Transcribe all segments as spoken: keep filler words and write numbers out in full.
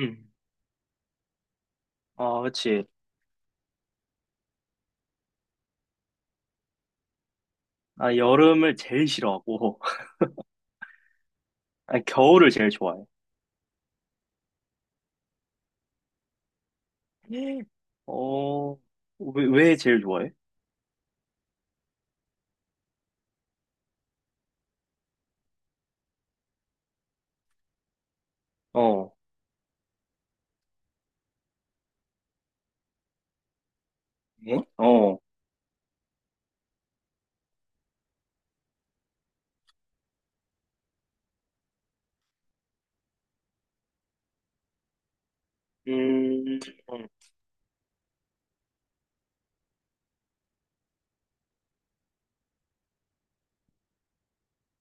음. 아, 그치. 나 여름을 제일 싫어하고, 아니, 겨울을 제일 좋아해. 예. 어, 왜, 왜 제일 좋아해? 어, 응? 어, 음,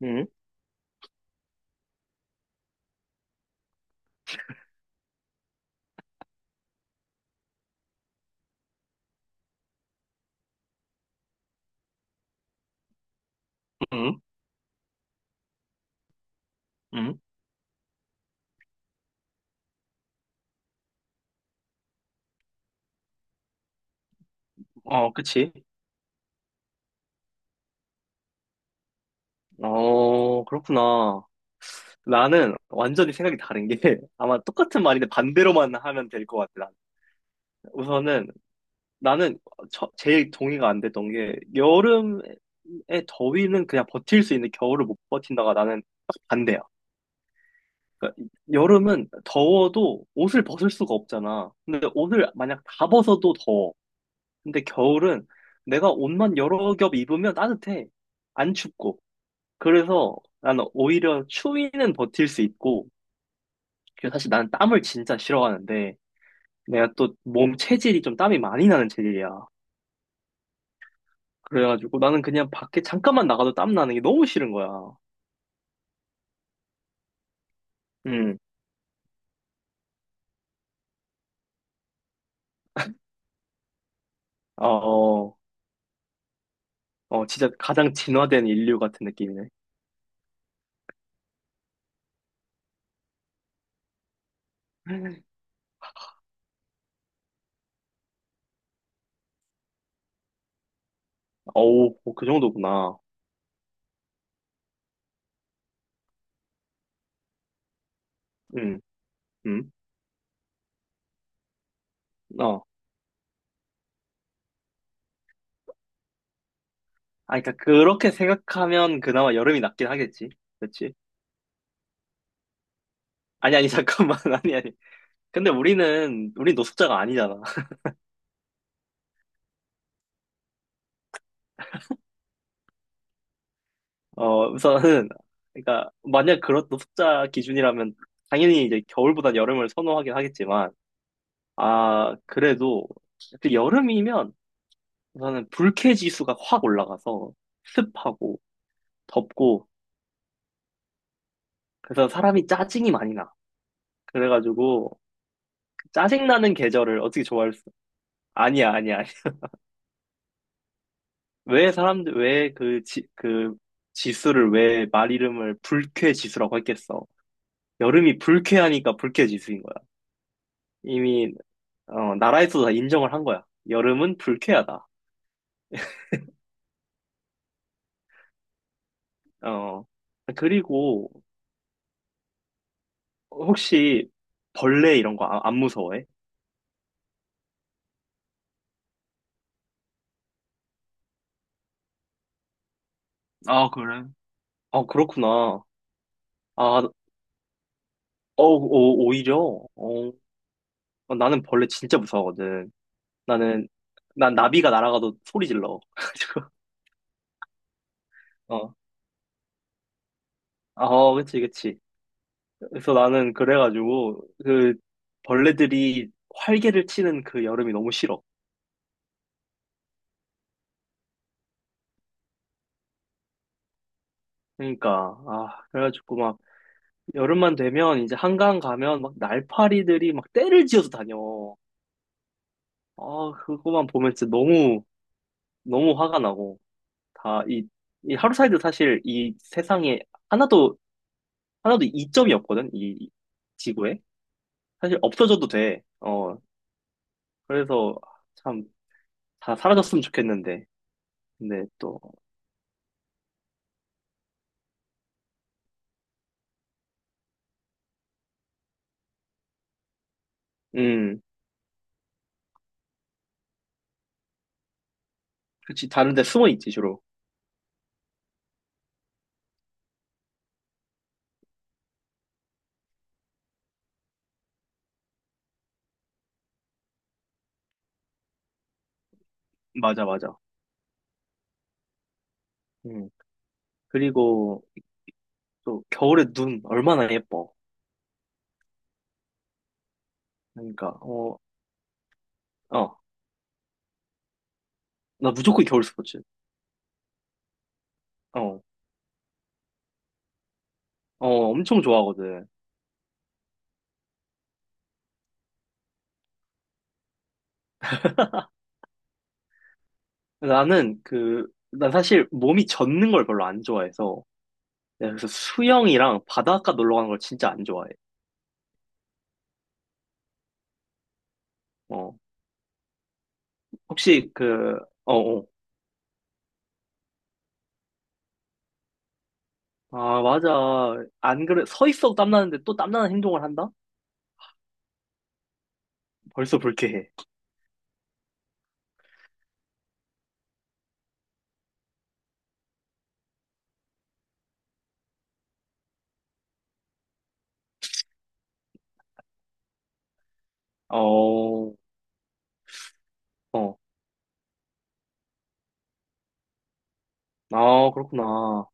음, 음 음 어, 그치. 어, 그렇구나. 나는 완전히 생각이 다른 게, 아마 똑같은 말인데 반대로만 하면 될 것 같아, 난. 우선은, 나는 처- 제일 동의가 안 됐던 게, 여름에 더위는 그냥 버틸 수 있는데 겨울을 못 버틴다가 나는 딱 반대야. 그러니까 여름은 더워도 옷을 벗을 수가 없잖아. 근데 옷을 만약 다 벗어도 더워. 근데 겨울은 내가 옷만 여러 겹 입으면 따뜻해. 안 춥고. 그래서 나는 오히려 추위는 버틸 수 있고. 그래서 사실 나는 땀을 진짜 싫어하는데 내가 또 몸 체질이 좀 땀이 많이 나는 체질이야. 그래가지고 나는 그냥 밖에 잠깐만 나가도 땀 나는 게 너무 싫은 거야. 음, 어, 어, 어, 진짜 가장 진화된 인류 같은 느낌이네. 어우, 어, 그 정도구나. 응, 응, 어. 아, 그러니까 그렇게 생각하면 그나마 여름이 낫긴 하겠지. 그렇지? 아니, 아니, 잠깐만. 아니, 아니. 근데 우리는, 우리 노숙자가 아니잖아. 어, 우선은, 그러니까, 만약 그런 노숙자 기준이라면, 당연히 이제 겨울보단 여름을 선호하긴 하겠지만, 아, 그래도, 그 여름이면, 우선은 불쾌 지수가 확 올라가서, 습하고, 덥고, 그래서 사람이 짜증이 많이 나. 그래가지고, 짜증나는 계절을 어떻게 좋아할 수, 아니야, 아니야. 왜 사람들, 왜 그 지, 그 지수를 왜 말 이름을 불쾌 지수라고 했겠어? 여름이 불쾌하니까 불쾌 지수인 거야. 이미, 어, 나라에서도 다 인정을 한 거야. 여름은 불쾌하다. 어, 그리고 혹시 벌레 이런 거 안, 무서워해? 아, 그래? 아, 그렇구나. 아, 어, 오, 오히려, 어, 나는 벌레 진짜 무서워하거든. 나는, 난 나비가 날아가도 소리 질러. 가지고 어, 아, 어, 그치, 그치. 그래서 나는 그래가지고 그 벌레들이 활개를 치는 그 여름이 너무 싫어. 그러니까 아 그래가지고 막 여름만 되면 이제 한강 가면 막 날파리들이 막 떼를 지어서 다녀. 아 그거만 보면 진짜 너무 너무 화가 나고 다 이 이 하루살이도 사실 이 세상에 하나도 하나도 이점이 없거든 이 지구에 사실 없어져도 돼. 어 그래서 참 다 사라졌으면 좋겠는데 근데 또 음. 그치, 다른 데 숨어 있지, 주로. 맞아, 맞아. 음. 그리고 또 겨울에 눈 얼마나 예뻐. 그러니까, 어, 어. 나 무조건 겨울 스포츠. 어, 어, 엄청 좋아하거든. 나는 그, 난 사실 몸이 젖는 걸 별로 안 좋아해서. 내가 그래서 수영이랑 바닷가 놀러 가는 걸 진짜 안 좋아해. 어. 혹시 그, 어, 어. 아, 맞아. 안 그래. 서 있어도 땀나는데 또 땀나는 행동을 한다? 벌써 불쾌해. 어, 어. 아, 그렇구나.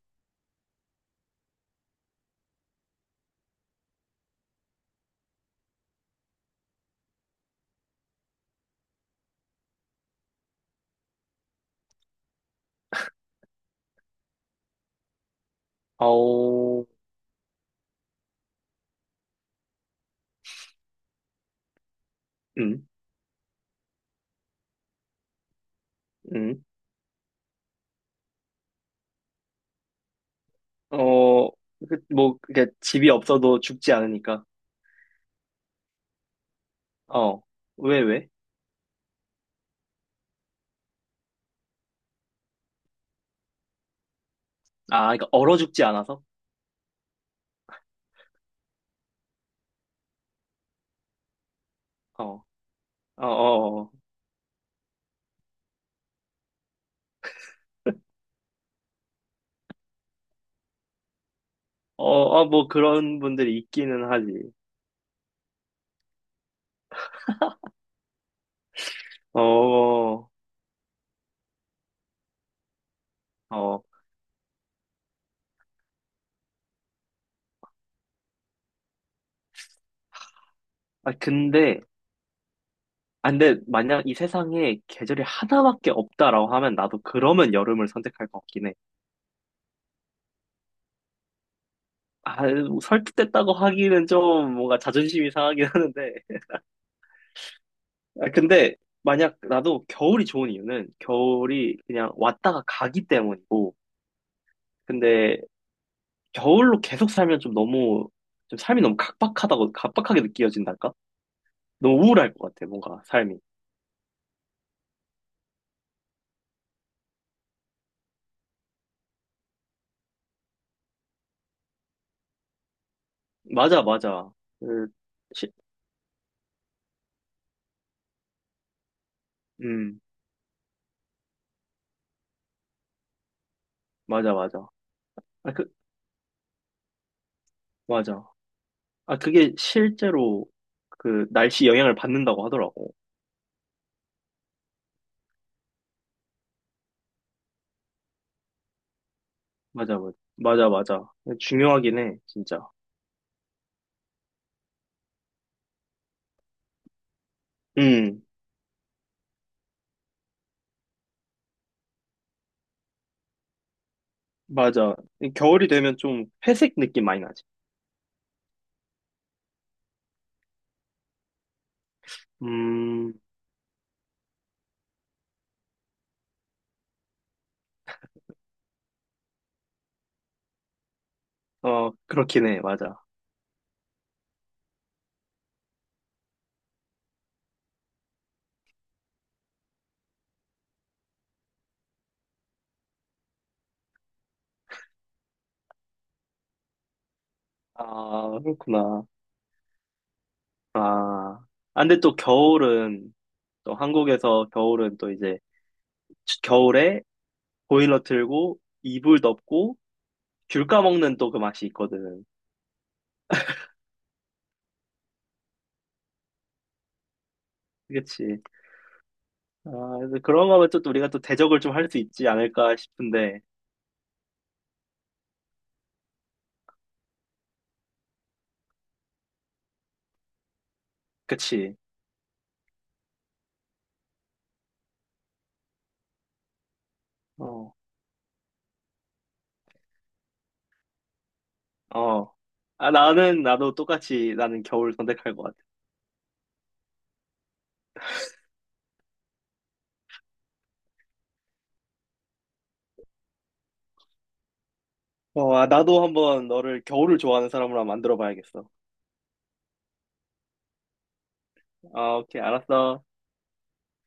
아 어. 음, 음. 어, 그, 뭐, 그게 집이 없어도 죽지 않으니까. 어, 왜, 왜? 아, 그러니까 얼어 죽지 않아서? 어, 어, 어, 어, 어, 어, 뭐 그런 분들이 있기는 하지. 어, 어. 아, 근데, 아, 근데 만약 이 세상에 계절이 하나밖에 없다라고 하면 나도 그러면 여름을 선택할 것 같긴 해. 아, 뭐 설득됐다고 하기는 좀 뭔가 자존심이 상하긴 하는데, 아, 근데 만약 나도 겨울이 좋은 이유는 겨울이 그냥 왔다가 가기 때문이고, 근데 겨울로 계속 살면 좀 너무, 좀 삶이 너무 각박하다고, 각박하게 느껴진달까? 너무 우울할 것 같아, 뭔가, 삶이. 맞아, 맞아. 그, 시, 음, 맞아, 맞아. 아, 그, 맞아. 아, 그게 실제로 그 날씨 영향을 받는다고 하더라고. 맞아, 맞아. 맞아, 맞아. 중요하긴 해, 진짜. 음, 맞아. 겨울이 되면 좀 회색 느낌 많이 나지. 음, 어, 그렇긴 해, 맞아. 아, 그렇구나. 아, 아, 근데 또 겨울은, 또 한국에서 겨울은 또 이제, 치- 겨울에 보일러 틀고, 이불 덮고, 귤 까먹는 또 그 맛이 있거든. 그치. 아, 그래서 그런 거면 또, 또 우리가 또 대적을 좀 할 수 있지 않을까 싶은데, 그치. 어, 어. 아, 나는, 나도 똑같이 나는 겨울 선택할 것 같아. 어, 아, 나도 한번 너를 겨울을 좋아하는 사람으로 한번 만들어 봐야겠어. 아, 오케이, 알았어.